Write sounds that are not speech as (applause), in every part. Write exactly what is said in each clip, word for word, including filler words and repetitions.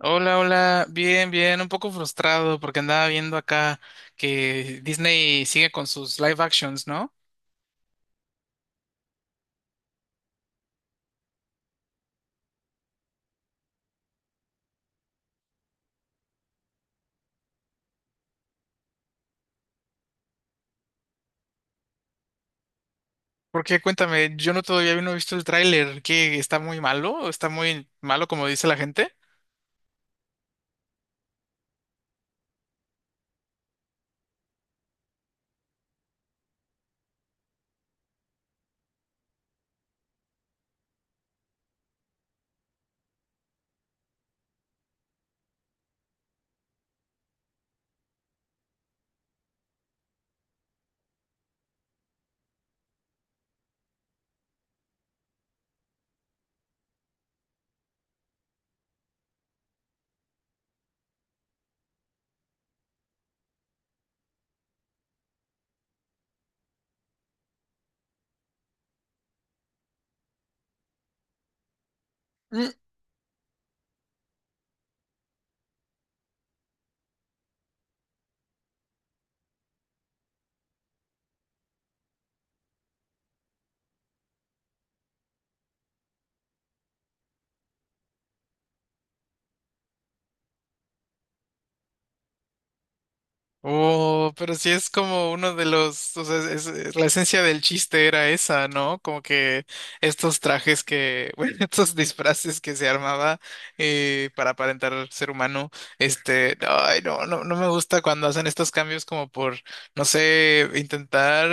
Hola, hola, bien, bien, un poco frustrado porque andaba viendo acá que Disney sigue con sus live actions, ¿no? Porque cuéntame, yo no todavía no he visto el tráiler. ¿Qué, está muy malo, está muy malo como dice la gente? Mm. Oh, pero sí es como uno de los, o sea, es- es- la esencia del chiste era esa, ¿no? Como que estos trajes que, (laughs) bueno, estos disfraces que se armaba eh, para aparentar ser humano, este, ay, no, no, no me gusta cuando hacen estos cambios como por, no sé, intentar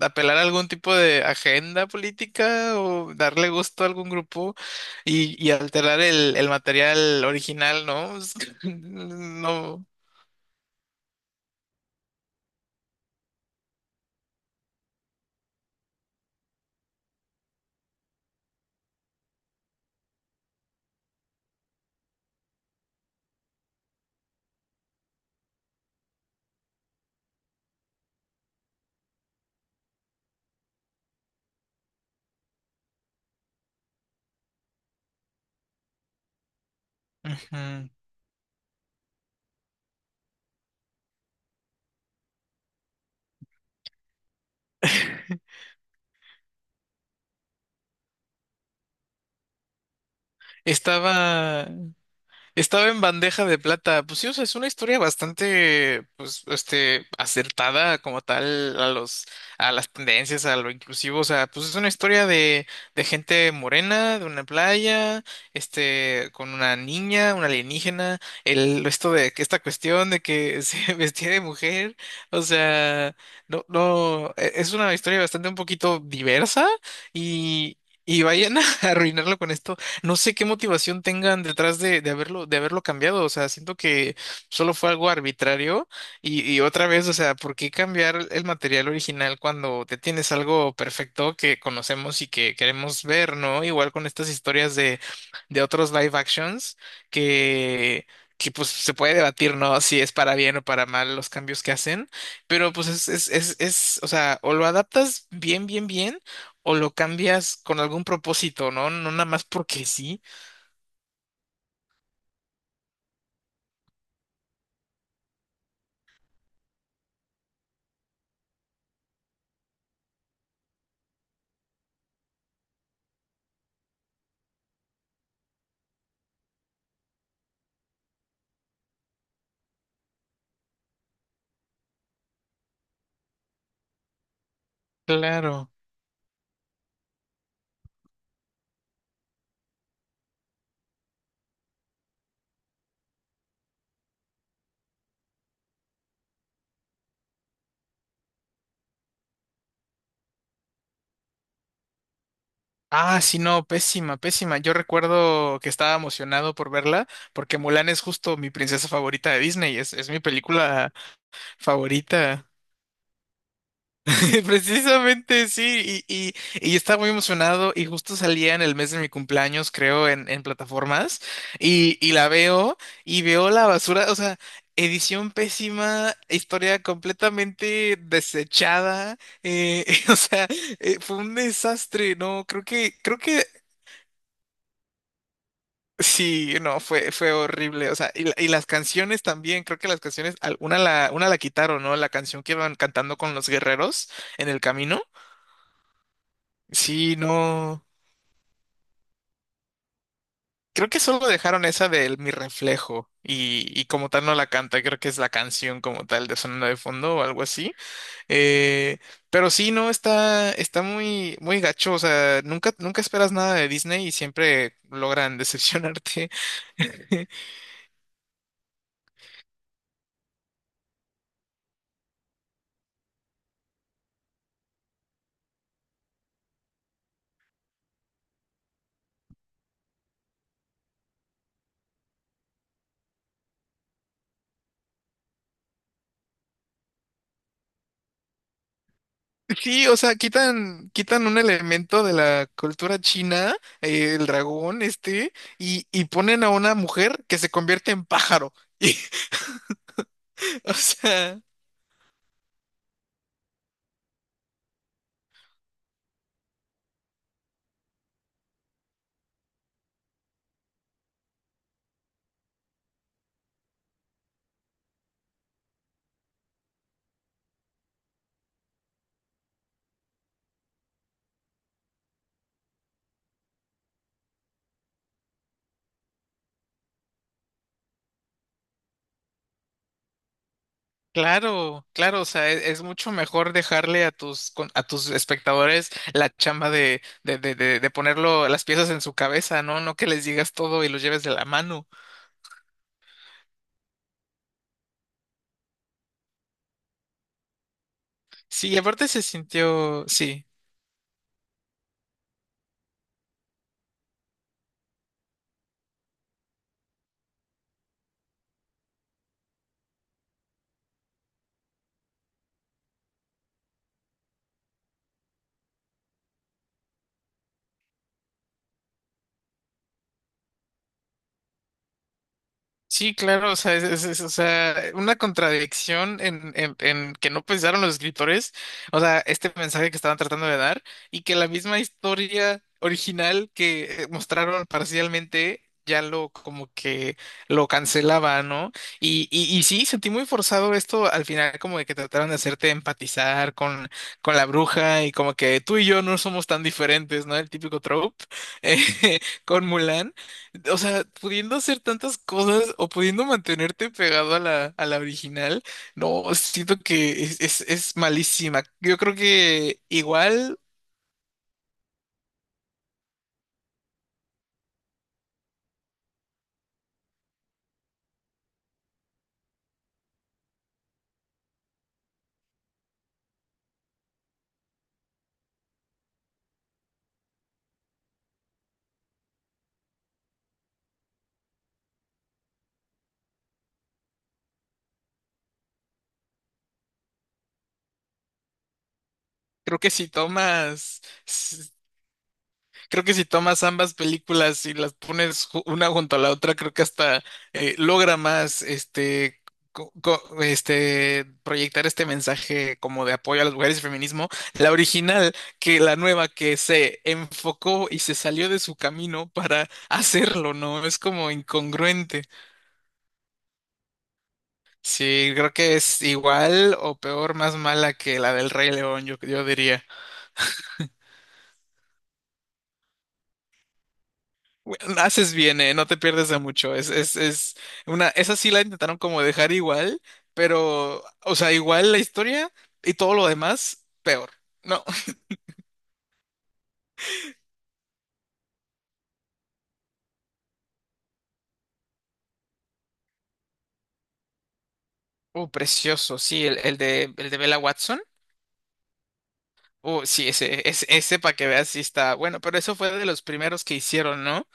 apelar a algún tipo de agenda política o darle gusto a algún grupo y, y alterar el, el material original, ¿no? (laughs) No. Ujú. (laughs) Estaba, estaba en bandeja de plata. Pues sí, o sea, es una historia bastante, pues, este, acertada como tal a los, a las tendencias, a lo inclusivo. O sea, pues es una historia de, de gente morena, de una playa, este, con una niña, una alienígena, el, esto de que esta cuestión de que se (laughs) vestía de mujer. O sea, no, no, e- es una historia bastante un poquito diversa y, y vayan a (laughs) arruinarlo con esto. No sé qué motivación tengan detrás de, de haberlo, de haberlo cambiado. O sea, siento que solo fue algo arbitrario. Y, y otra vez, o sea, ¿por qué cambiar el material original cuando te tienes algo perfecto que conocemos y que queremos ver, ¿no? Igual con estas historias de, de otros live actions que. que pues se puede debatir, ¿no? Si es para bien o para mal los cambios que hacen, pero pues es es es o o sea o lo adaptas bien bien bien o lo cambias con algún propósito, ¿no? No nada más porque sí. Claro. Ah, sí, no, pésima, pésima. Yo recuerdo que estaba emocionado por verla porque Mulan es justo mi princesa favorita de Disney, es, es mi película favorita. (laughs) Precisamente sí, y, y, y estaba muy emocionado y justo salía en el mes de mi cumpleaños, creo, en, en plataformas, y, y la veo y veo la basura, o sea, edición pésima, historia completamente desechada, eh, (laughs) o sea, eh, fue un desastre. No, creo que, creo que sí, no, fue, fue horrible, o sea, y, la- y las canciones también, creo que las canciones, al- una la, una la quitaron, ¿no? La canción que iban cantando con los guerreros en el camino. Sí, no. Creo que solo dejaron esa del Mi Reflejo y, y como tal no la canta, creo que es la canción como tal de sonando de fondo o algo así. Eh, pero sí, no, está, está muy, muy gacho, o sea, nunca, nunca esperas nada de Disney y siempre logran decepcionarte. (laughs) Sí, o sea, quitan, quitan un elemento de la cultura china, eh, el dragón este, y, y ponen a una mujer que se convierte en pájaro. (laughs) Y, o sea... Claro, claro, o sea, e- es mucho mejor dejarle a tus con- a tus espectadores la chamba de, de, de, de, de ponerlo las piezas en su cabeza, ¿no? No que les digas todo y los lleves de la mano. Sí, y aparte se sintió, sí. Sí, claro, o sea, es, es- es, o sea, una contradicción en, en, en que no pensaron los escritores, o sea, este mensaje que estaban tratando de dar y que la misma historia original que eh, mostraron parcialmente ya lo como que lo cancelaba, ¿no? Y, y, y sí, sentí muy forzado esto al final, como de que trataron de hacerte empatizar con, con la bruja y como que tú y yo no somos tan diferentes, ¿no? El típico trope (laughs) eh, con Mulan. O sea, pudiendo hacer tantas cosas o pudiendo mantenerte pegado a la, a la original, no, siento que es, es, es malísima. Yo creo que igual, creo que si tomas creo que si tomas ambas películas y las pones ju- una junto a la otra, creo que hasta eh, logra más este, co- co- este proyectar este mensaje como de apoyo a las mujeres y feminismo, la original que la nueva que se enfocó y se salió de su camino para (laughs) hacerlo, ¿no? Es como incongruente. Sí, creo que es igual o peor, más mala que la del Rey León, yo, yo diría. Bueno, haces bien, eh, no te pierdes de mucho. Es, es, es una, esa sí la intentaron como dejar igual, pero, o sea, igual la historia y todo lo demás, peor. No. Uh, precioso, sí, el, el de, el de Bella Watson. Uh, sí, ese, ese, ese para que veas si está bueno, pero eso fue de los primeros que hicieron, ¿no?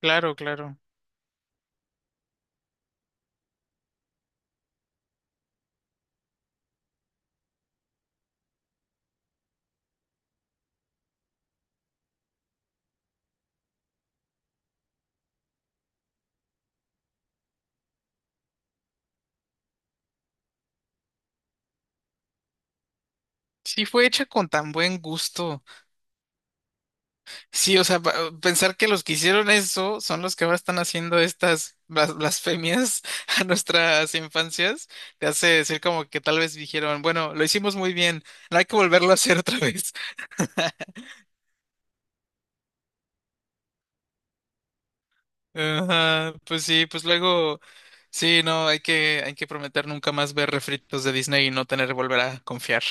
Claro, claro. Sí, fue hecha con tan buen gusto. Sí, o sea, pa- pensar que los que hicieron eso son los que ahora están haciendo estas blas- blasfemias (laughs) a nuestras infancias, te hace decir como que tal vez dijeron, bueno, lo hicimos muy bien, no hay que volverlo a hacer otra vez. (laughs) Ajá, pues sí, pues luego, sí, no, hay que, hay que prometer nunca más ver refritos de Disney y no tener que volver a confiar.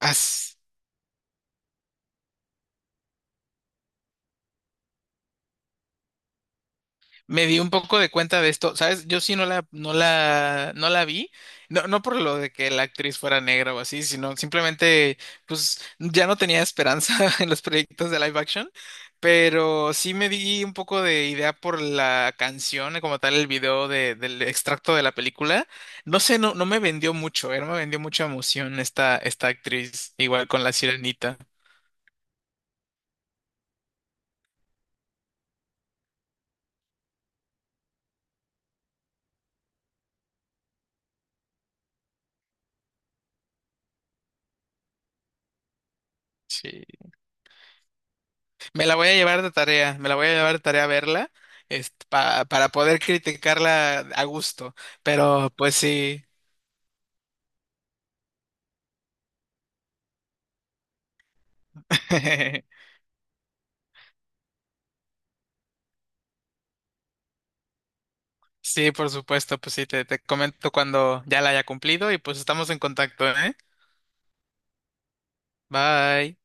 As. Me di un poco de cuenta de esto, ¿sabes? Yo sí no la, no la, no la vi, no, no por lo de que la actriz fuera negra o así, sino simplemente, pues, ya no tenía esperanza (laughs) en los proyectos de live action, pero sí me di un poco de idea por la canción, como tal, el video de- del extracto de la película. No sé, no, no me vendió mucho, eh, no me vendió mucha emoción esta, esta actriz, igual con la Sirenita. Sí. Me la voy a llevar de tarea, me la voy a llevar de tarea a verla, este, pa- para poder criticarla a gusto. Pero pues sí, (laughs) sí, por supuesto, pues sí, te, te comento cuando ya la haya cumplido y pues estamos en contacto, ¿eh? Bye.